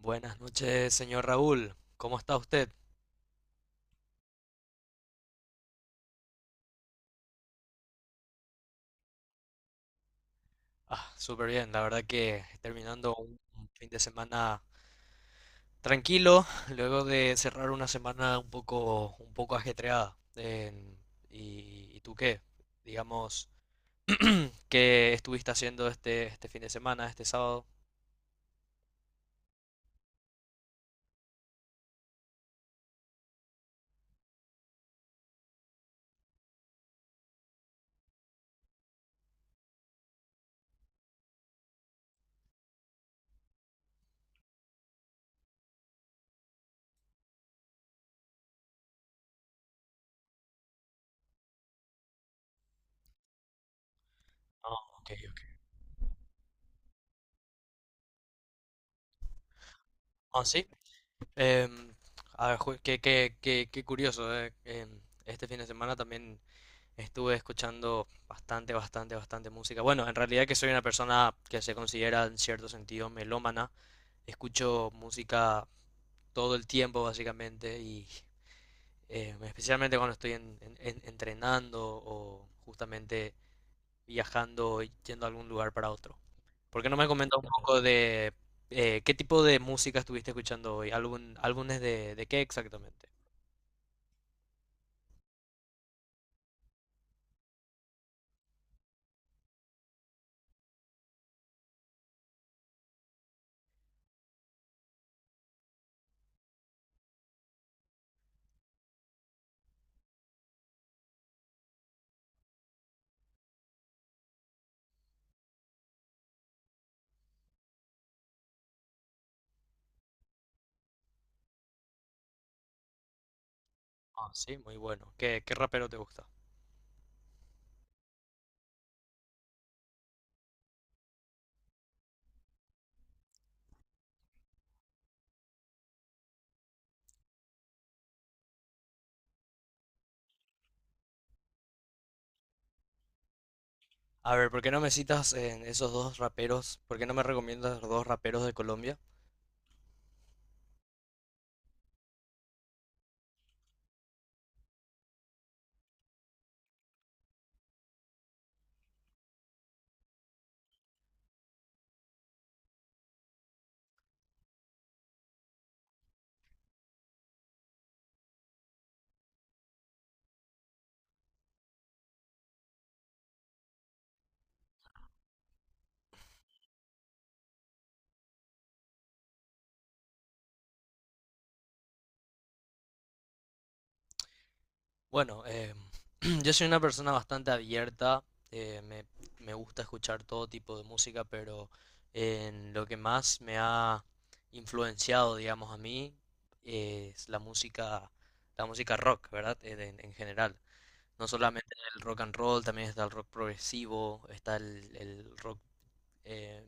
Buenas noches, señor Raúl. ¿Cómo está usted? Ah, súper bien. La verdad que terminando un fin de semana tranquilo, luego de cerrar una semana un poco ajetreada. ¿Y tú qué? Digamos, ¿qué estuviste haciendo este fin de semana, este sábado? Ah, ok, ok. Ah, sí. Em, a ver, qué curioso, eh. Este fin de semana también estuve escuchando bastante, bastante, bastante música. Bueno, en realidad que soy una persona que se considera en cierto sentido melómana. Escucho música todo el tiempo básicamente y especialmente cuando estoy entrenando o justamente viajando, y yendo a algún lugar para otro. ¿Por qué no me comentas un poco de qué tipo de música estuviste escuchando hoy? ¿Algún, álbumes de qué exactamente? Ah, sí, muy bueno. ¿Qué rapero te gusta? A ver, ¿por qué no me citas en esos dos raperos? ¿Por qué no me recomiendas los dos raperos de Colombia? Bueno, yo soy una persona bastante abierta, eh, me, me gusta escuchar todo tipo de música, pero en lo que más me ha influenciado, digamos, a mí es la música rock, ¿verdad? En general. No solamente el rock and roll, también está el rock progresivo, está el rock eh,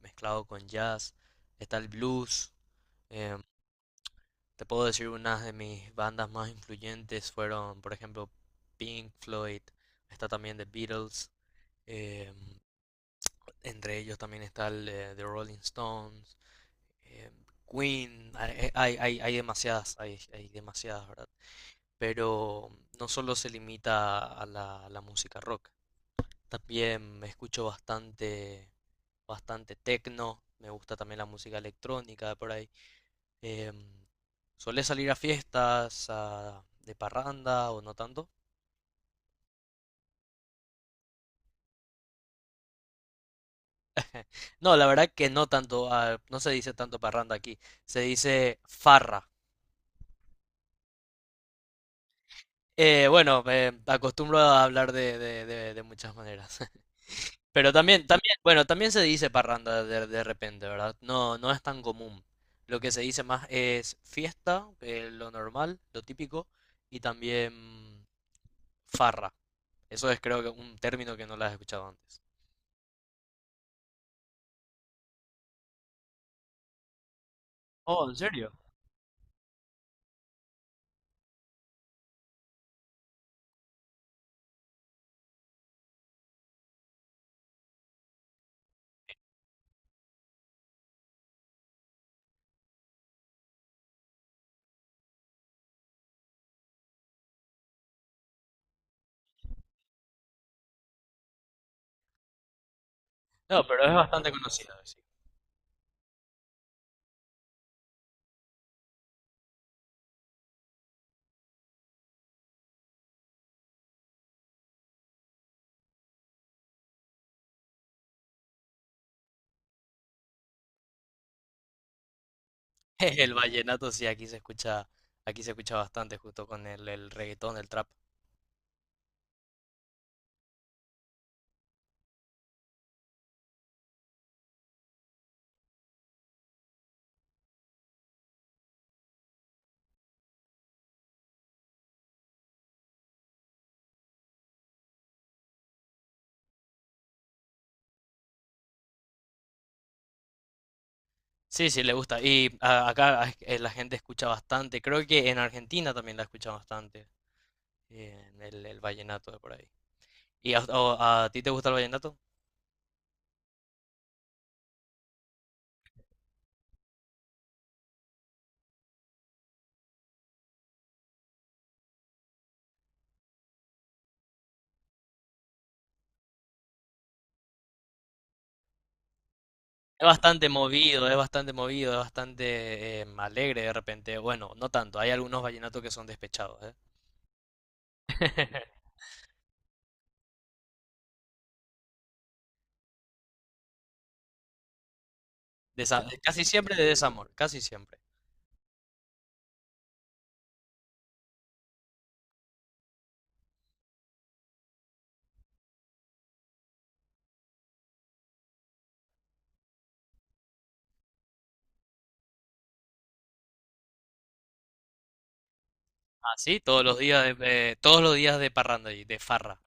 mezclado con jazz, está el blues. eh, Te puedo decir unas de mis bandas más influyentes fueron, por ejemplo, Pink Floyd. Está también The Beatles, eh, entre ellos también está The Rolling Stones, eh, Queen. Hay demasiadas, hay demasiadas, ¿verdad? Pero no solo se limita a la música rock. También me escucho bastante, bastante tecno. Me gusta también la música electrónica por ahí. Em, ¿Solés salir a fiestas, de parranda o no tanto? No, la verdad que no tanto. No se dice tanto parranda aquí. Se dice farra. Bueno, me acostumbro a hablar de muchas maneras. Pero también, también, bueno, también se dice parranda de repente, ¿verdad? No, no es tan común. Lo que se dice más es fiesta, lo normal, lo típico, y también farra. Eso es creo que un término que no lo has escuchado antes. Oh, ¿en serio? No, pero es bastante conocido, sí. El vallenato sí, aquí se escucha bastante, justo con el reggaetón, el trap. Sí, sí, le gusta. Y acá, la gente escucha bastante. Creo que en Argentina también la escucha bastante. En el vallenato de por ahí. ¿A ti te gusta el vallenato? Es bastante movido, es bastante movido, es bastante alegre de repente. Bueno, no tanto, hay algunos vallenatos que son despechados, ¿eh? Casi siempre de desamor, casi siempre. Ah, sí, todos los días todos los días de parranda y de farra.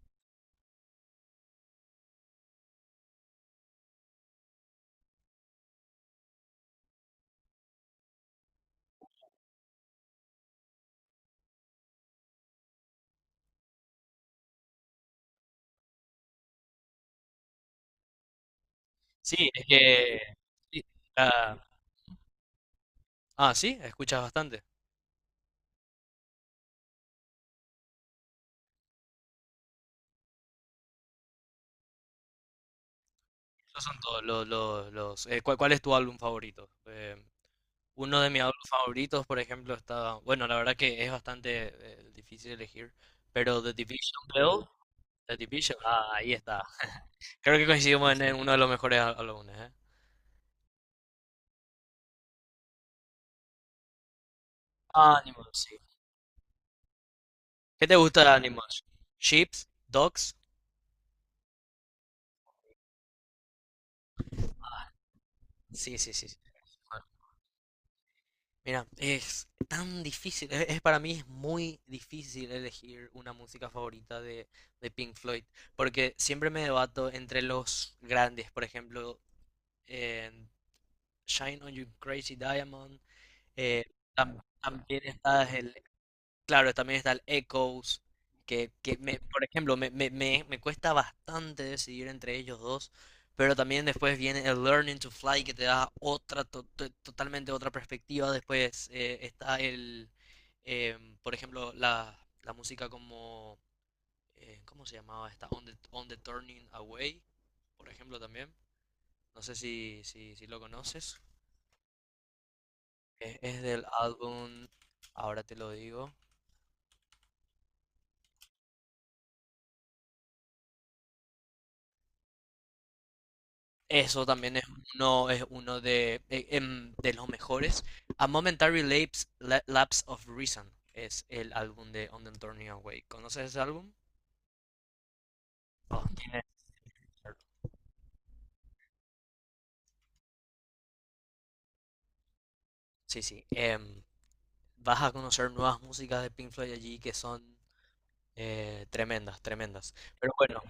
Sí, es que sí, ah, sí, escuchas bastante. Esos son todos los- ¿Cuál es tu álbum favorito? Uno de mis álbumes favoritos, por ejemplo, está, bueno, la verdad que es bastante difícil elegir, pero The Division Bell, The Division, ahí está. Creo que coincidimos en uno de los mejores álbumes, ¿eh? Animals, sí. ¿Qué te gusta de Animals? ¿Ships? ¿Dogs? Sí, sí, sí, sí. Bueno, mira, es tan difícil, para mí es muy difícil elegir una música favorita de Pink Floyd, porque siempre me debato entre los grandes, por ejemplo, Shine on You Crazy Diamond. eh, También claro, también está el Echoes, que por ejemplo, me cuesta bastante decidir entre ellos dos, pero también después viene el Learning to Fly, que te da otra, totalmente otra perspectiva. Después por ejemplo, la música como, ¿cómo se llamaba esta? On the Turning Away, por ejemplo, también. No sé si lo conoces. Es del álbum, ahora te lo digo. Eso también es uno de los mejores. A Momentary Lapse, Lapse of Reason es el álbum de On the Turning Away. ¿Conoces ese álbum? Oh, tienes que conocerlo. Sí, sí. Vas a conocer nuevas músicas de Pink Floyd allí que son tremendas, tremendas. Pero bueno,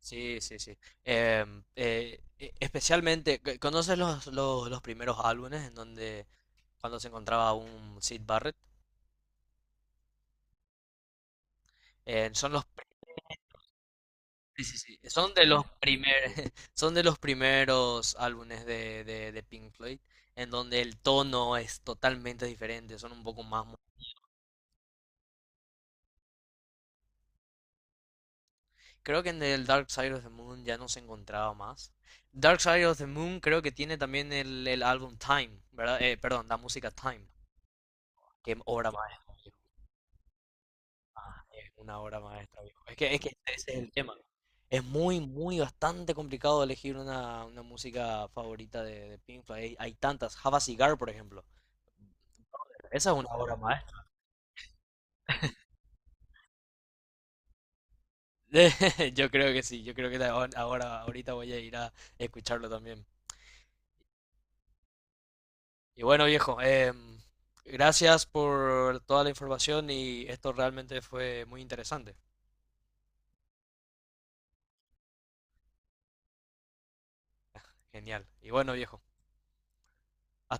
sí, sí, sí. Especialmente, ¿conoces los primeros álbumes en donde cuando se encontraba un Sid Barrett? Eh, son los, sí, sí, sí. son de los primer, Son de los primeros álbumes de Pink Floyd, en donde el tono es totalmente diferente, son un poco más. Creo que en el Dark Side of the Moon ya no se encontraba más. Dark Side of the Moon creo que tiene también el álbum Time, ¿verdad? Perdón, la música Time, qué obra maestra, viejo. Ah, es una obra maestra, viejo. Es que ese es el tema. Es muy, muy, bastante complicado elegir una música favorita de Pink Floyd. Hay tantas. Have a Cigar, por ejemplo. Esa es una obra maestra. Yo creo que sí. Yo creo que la- ahora, ahorita voy a ir a escucharlo también. Y bueno, viejo, gracias por toda la información y esto realmente fue muy interesante. Genial. Y bueno, viejo.